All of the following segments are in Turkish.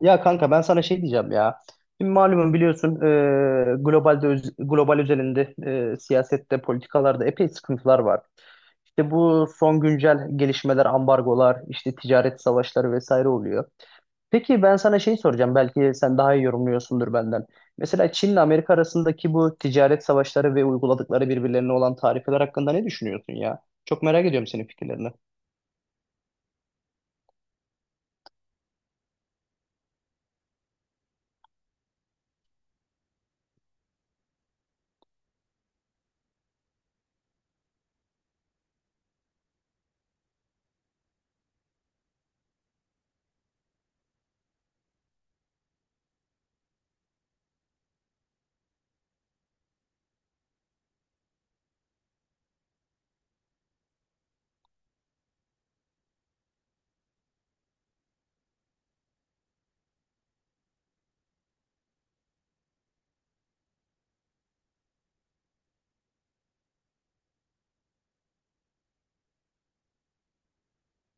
Ya kanka ben sana şey diyeceğim ya. Şimdi malumun biliyorsun global özelinde siyasette, politikalarda epey sıkıntılar var. İşte bu son güncel gelişmeler, ambargolar, işte ticaret savaşları vesaire oluyor. Peki ben sana şey soracağım. Belki sen daha iyi yorumluyorsundur benden. Mesela Çin'le Amerika arasındaki bu ticaret savaşları ve uyguladıkları birbirlerine olan tarifeler hakkında ne düşünüyorsun ya? Çok merak ediyorum senin fikirlerini.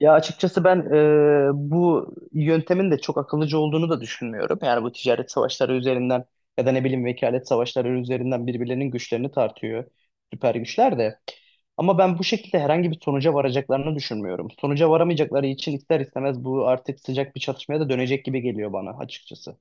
Ya açıkçası ben bu yöntemin de çok akıllıca olduğunu da düşünmüyorum. Yani bu ticaret savaşları üzerinden ya da ne bileyim vekalet savaşları üzerinden birbirlerinin güçlerini tartıyor süper güçler de. Ama ben bu şekilde herhangi bir sonuca varacaklarını düşünmüyorum. Sonuca varamayacakları için ister istemez bu artık sıcak bir çatışmaya da dönecek gibi geliyor bana açıkçası.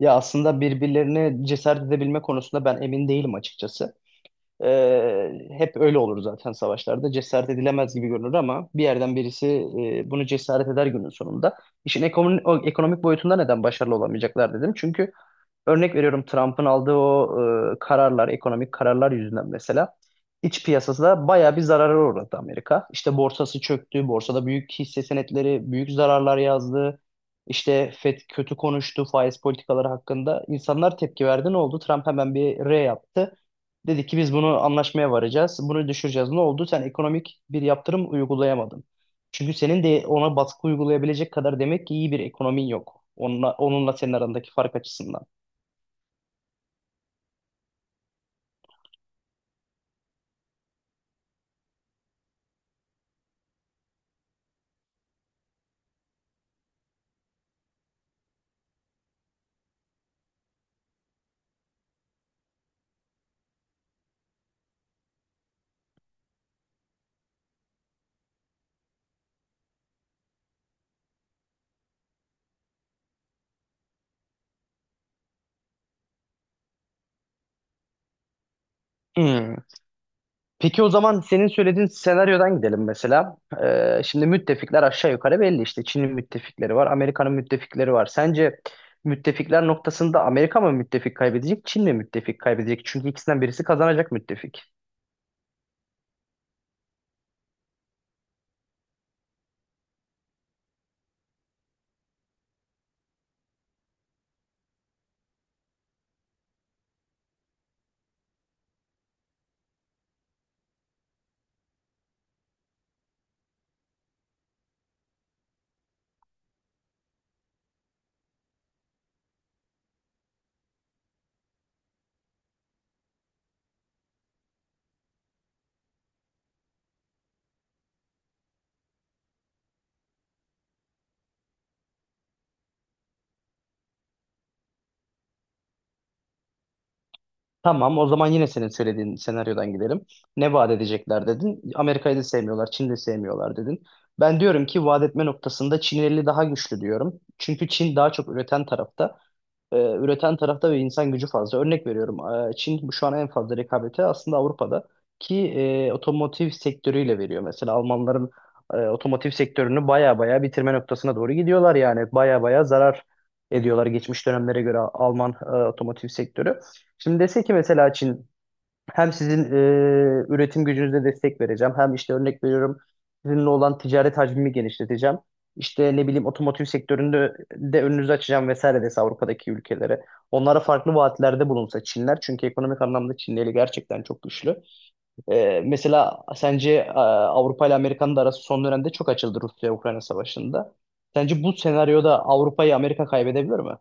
Ya aslında birbirlerine cesaret edebilme konusunda ben emin değilim açıkçası. Hep öyle olur zaten savaşlarda. Cesaret edilemez gibi görünür ama bir yerden birisi bunu cesaret eder günün sonunda. İşin ekonomi, o ekonomik boyutunda neden başarılı olamayacaklar dedim. Çünkü örnek veriyorum Trump'ın aldığı o kararlar, ekonomik kararlar yüzünden mesela iç piyasasında bayağı bir zarara uğradı Amerika. İşte borsası çöktü, borsada büyük hisse senetleri, büyük zararlar yazdı. İşte Fed kötü konuştu faiz politikaları hakkında. İnsanlar tepki verdi. Ne oldu? Trump hemen bir R yaptı. Dedi ki biz bunu anlaşmaya varacağız. Bunu düşüreceğiz. Ne oldu? Sen ekonomik bir yaptırım uygulayamadın. Çünkü senin de ona baskı uygulayabilecek kadar demek ki iyi bir ekonomin yok. Onunla senin arandaki fark açısından. Hmm. Peki o zaman senin söylediğin senaryodan gidelim mesela. Şimdi müttefikler aşağı yukarı belli işte. Çin'in müttefikleri var, Amerika'nın müttefikleri var. Sence müttefikler noktasında Amerika mı müttefik kaybedecek, Çin mi müttefik kaybedecek? Çünkü ikisinden birisi kazanacak müttefik. Tamam, o zaman yine senin söylediğin senaryodan gidelim. Ne vaat edecekler dedin. Amerika'yı da sevmiyorlar, Çin'i de sevmiyorlar dedin. Ben diyorum ki vaat etme noktasında Çin eli daha güçlü diyorum. Çünkü Çin daha çok üreten tarafta. Üreten tarafta ve insan gücü fazla. Örnek veriyorum. Çin şu an en fazla rekabeti aslında Avrupa'da ki otomotiv sektörüyle veriyor. Mesela Almanların otomotiv sektörünü baya baya bitirme noktasına doğru gidiyorlar yani. Baya baya zarar ediyorlar geçmiş dönemlere göre Alman otomotiv sektörü. Şimdi dese ki mesela Çin hem sizin üretim gücünüze destek vereceğim. Hem işte örnek veriyorum sizinle olan ticaret hacmimi genişleteceğim. İşte ne bileyim otomotiv sektöründe de önünüzü açacağım vesaire dese Avrupa'daki ülkelere. Onlara farklı vaatlerde bulunsa Çinler. Çünkü ekonomik anlamda Çin eli gerçekten çok güçlü. Mesela sence Avrupa ile Amerika'nın da arası son dönemde çok açıldı Rusya-Ukrayna savaşında. Sence bu senaryoda Avrupa'yı Amerika kaybedebilir mi?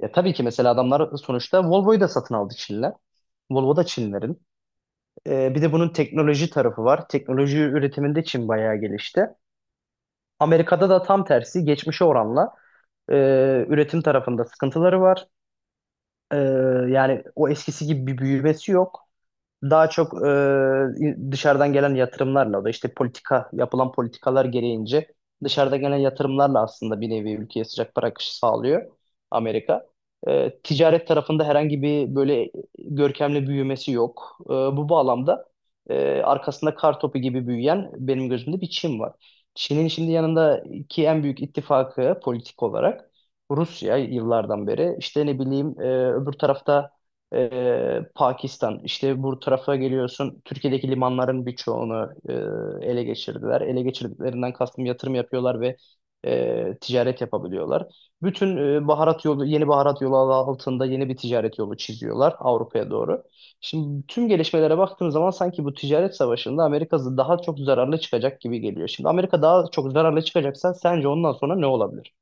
Ya tabii ki mesela adamlar sonuçta Volvo'yu da satın aldı Çinler. Volvo da Çinlerin. Bir de bunun teknoloji tarafı var. Teknoloji üretiminde Çin bayağı gelişti. Amerika'da da tam tersi geçmişe oranla e, üretim tarafında sıkıntıları var. E, Yani o eskisi gibi bir büyümesi yok. Daha çok dışarıdan gelen yatırımlarla da işte politika yapılan politikalar gereğince dışarıdan gelen yatırımlarla aslında bir nevi ülkeye sıcak para akışı sağlıyor Amerika. Ticaret tarafında herhangi bir böyle görkemli büyümesi yok. Bu bağlamda arkasında kar topu gibi büyüyen benim gözümde bir Çin var. Çin'in şimdi yanındaki en büyük ittifakı politik olarak Rusya yıllardan beri işte ne bileyim öbür tarafta Pakistan. İşte bu tarafa geliyorsun. Türkiye'deki limanların birçoğunu ele geçirdiler. Ele geçirdiklerinden kastım yatırım yapıyorlar ve ticaret yapabiliyorlar. Bütün baharat yolu, yeni baharat yolu adı altında yeni bir ticaret yolu çiziyorlar Avrupa'ya doğru. Şimdi tüm gelişmelere baktığın zaman sanki bu ticaret savaşında Amerika daha çok zararlı çıkacak gibi geliyor. Şimdi Amerika daha çok zararlı çıkacaksa sence ondan sonra ne olabilir?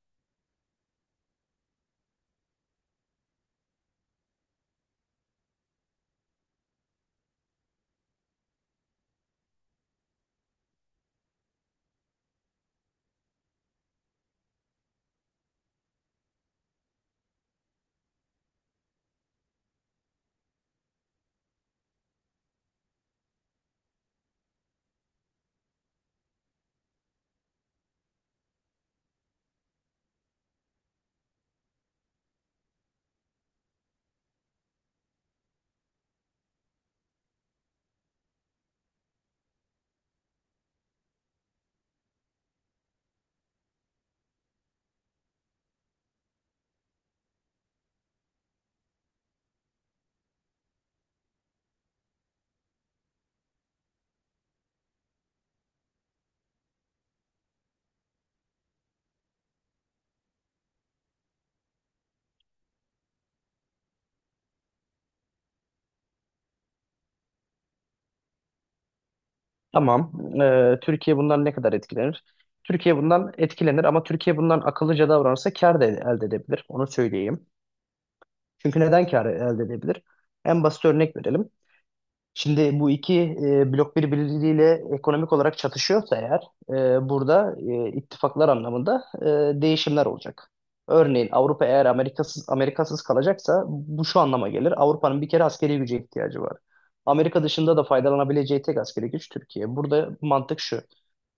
Tamam. Türkiye bundan ne kadar etkilenir? Türkiye bundan etkilenir ama Türkiye bundan akıllıca davranırsa kar da elde edebilir. Onu söyleyeyim. Çünkü neden kar elde edebilir? En basit örnek verelim. Şimdi bu iki blok birbiriyle ekonomik olarak çatışıyorsa eğer burada ittifaklar anlamında değişimler olacak. Örneğin Avrupa eğer Amerikasız kalacaksa bu şu anlama gelir. Avrupa'nın bir kere askeri güce ihtiyacı var. Amerika dışında da faydalanabileceği tek askeri güç Türkiye. Burada mantık şu.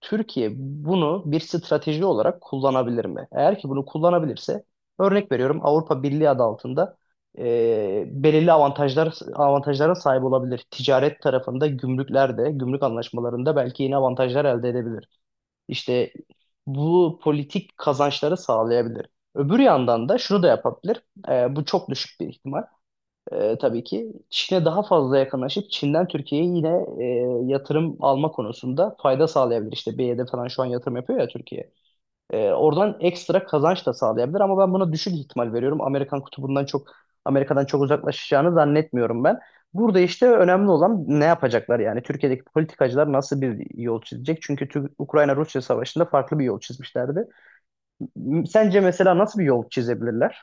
Türkiye bunu bir strateji olarak kullanabilir mi? Eğer ki bunu kullanabilirse örnek veriyorum Avrupa Birliği adı altında belirli avantajlar avantajlara sahip olabilir. Ticaret tarafında gümrüklerde, gümrük anlaşmalarında belki yeni avantajlar elde edebilir. İşte bu politik kazançları sağlayabilir. Öbür yandan da şunu da yapabilir. Bu çok düşük bir ihtimal. Tabii ki Çin'e daha fazla yakınlaşıp Çin'den Türkiye'ye yine yatırım alma konusunda fayda sağlayabilir. İşte BYD falan şu an yatırım yapıyor ya Türkiye. Oradan ekstra kazanç da sağlayabilir ama ben buna düşük ihtimal veriyorum. Amerikan kutubundan çok Amerika'dan çok uzaklaşacağını zannetmiyorum ben. Burada işte önemli olan ne yapacaklar yani Türkiye'deki politikacılar nasıl bir yol çizecek? Ukrayna-Rusya savaşında farklı bir yol çizmişlerdi. Sence mesela nasıl bir yol çizebilirler?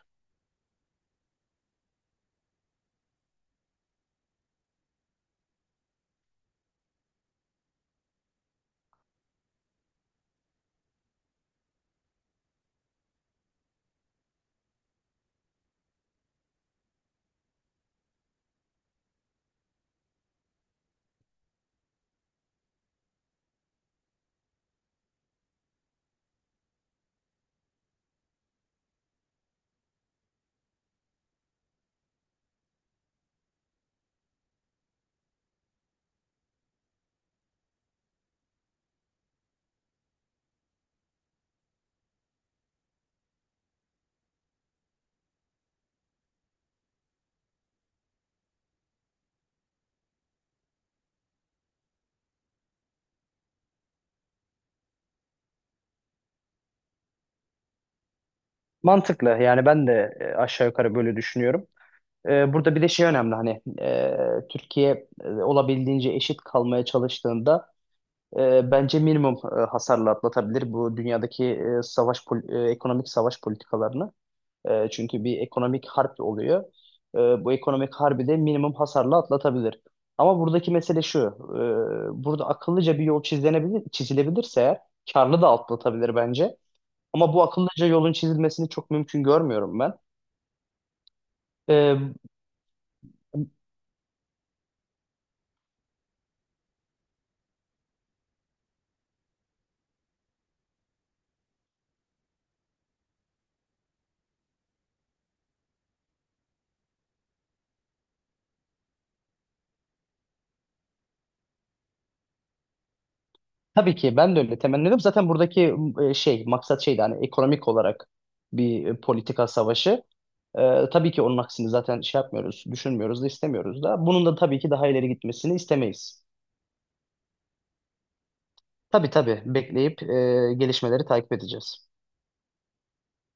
Mantıklı yani ben de aşağı yukarı böyle düşünüyorum. Burada bir de şey önemli hani Türkiye olabildiğince eşit kalmaya çalıştığında bence minimum hasarla atlatabilir bu dünyadaki ekonomik savaş politikalarını. Çünkü bir ekonomik harp oluyor. E, Bu ekonomik harbi de minimum hasarla atlatabilir. Ama buradaki mesele şu. Burada akıllıca bir yol çizilebilir, çizilebilirse eğer karlı da atlatabilir bence. Ama bu akıllıca yolun çizilmesini çok mümkün görmüyorum ben. E, Tabii ki ben de öyle temenni ediyorum. Zaten buradaki maksat şeydi hani ekonomik olarak bir politika savaşı. Tabii ki onun aksini zaten şey yapmıyoruz, düşünmüyoruz da istemiyoruz da. Bunun da tabii ki daha ileri gitmesini istemeyiz. Tabii tabii bekleyip gelişmeleri takip edeceğiz.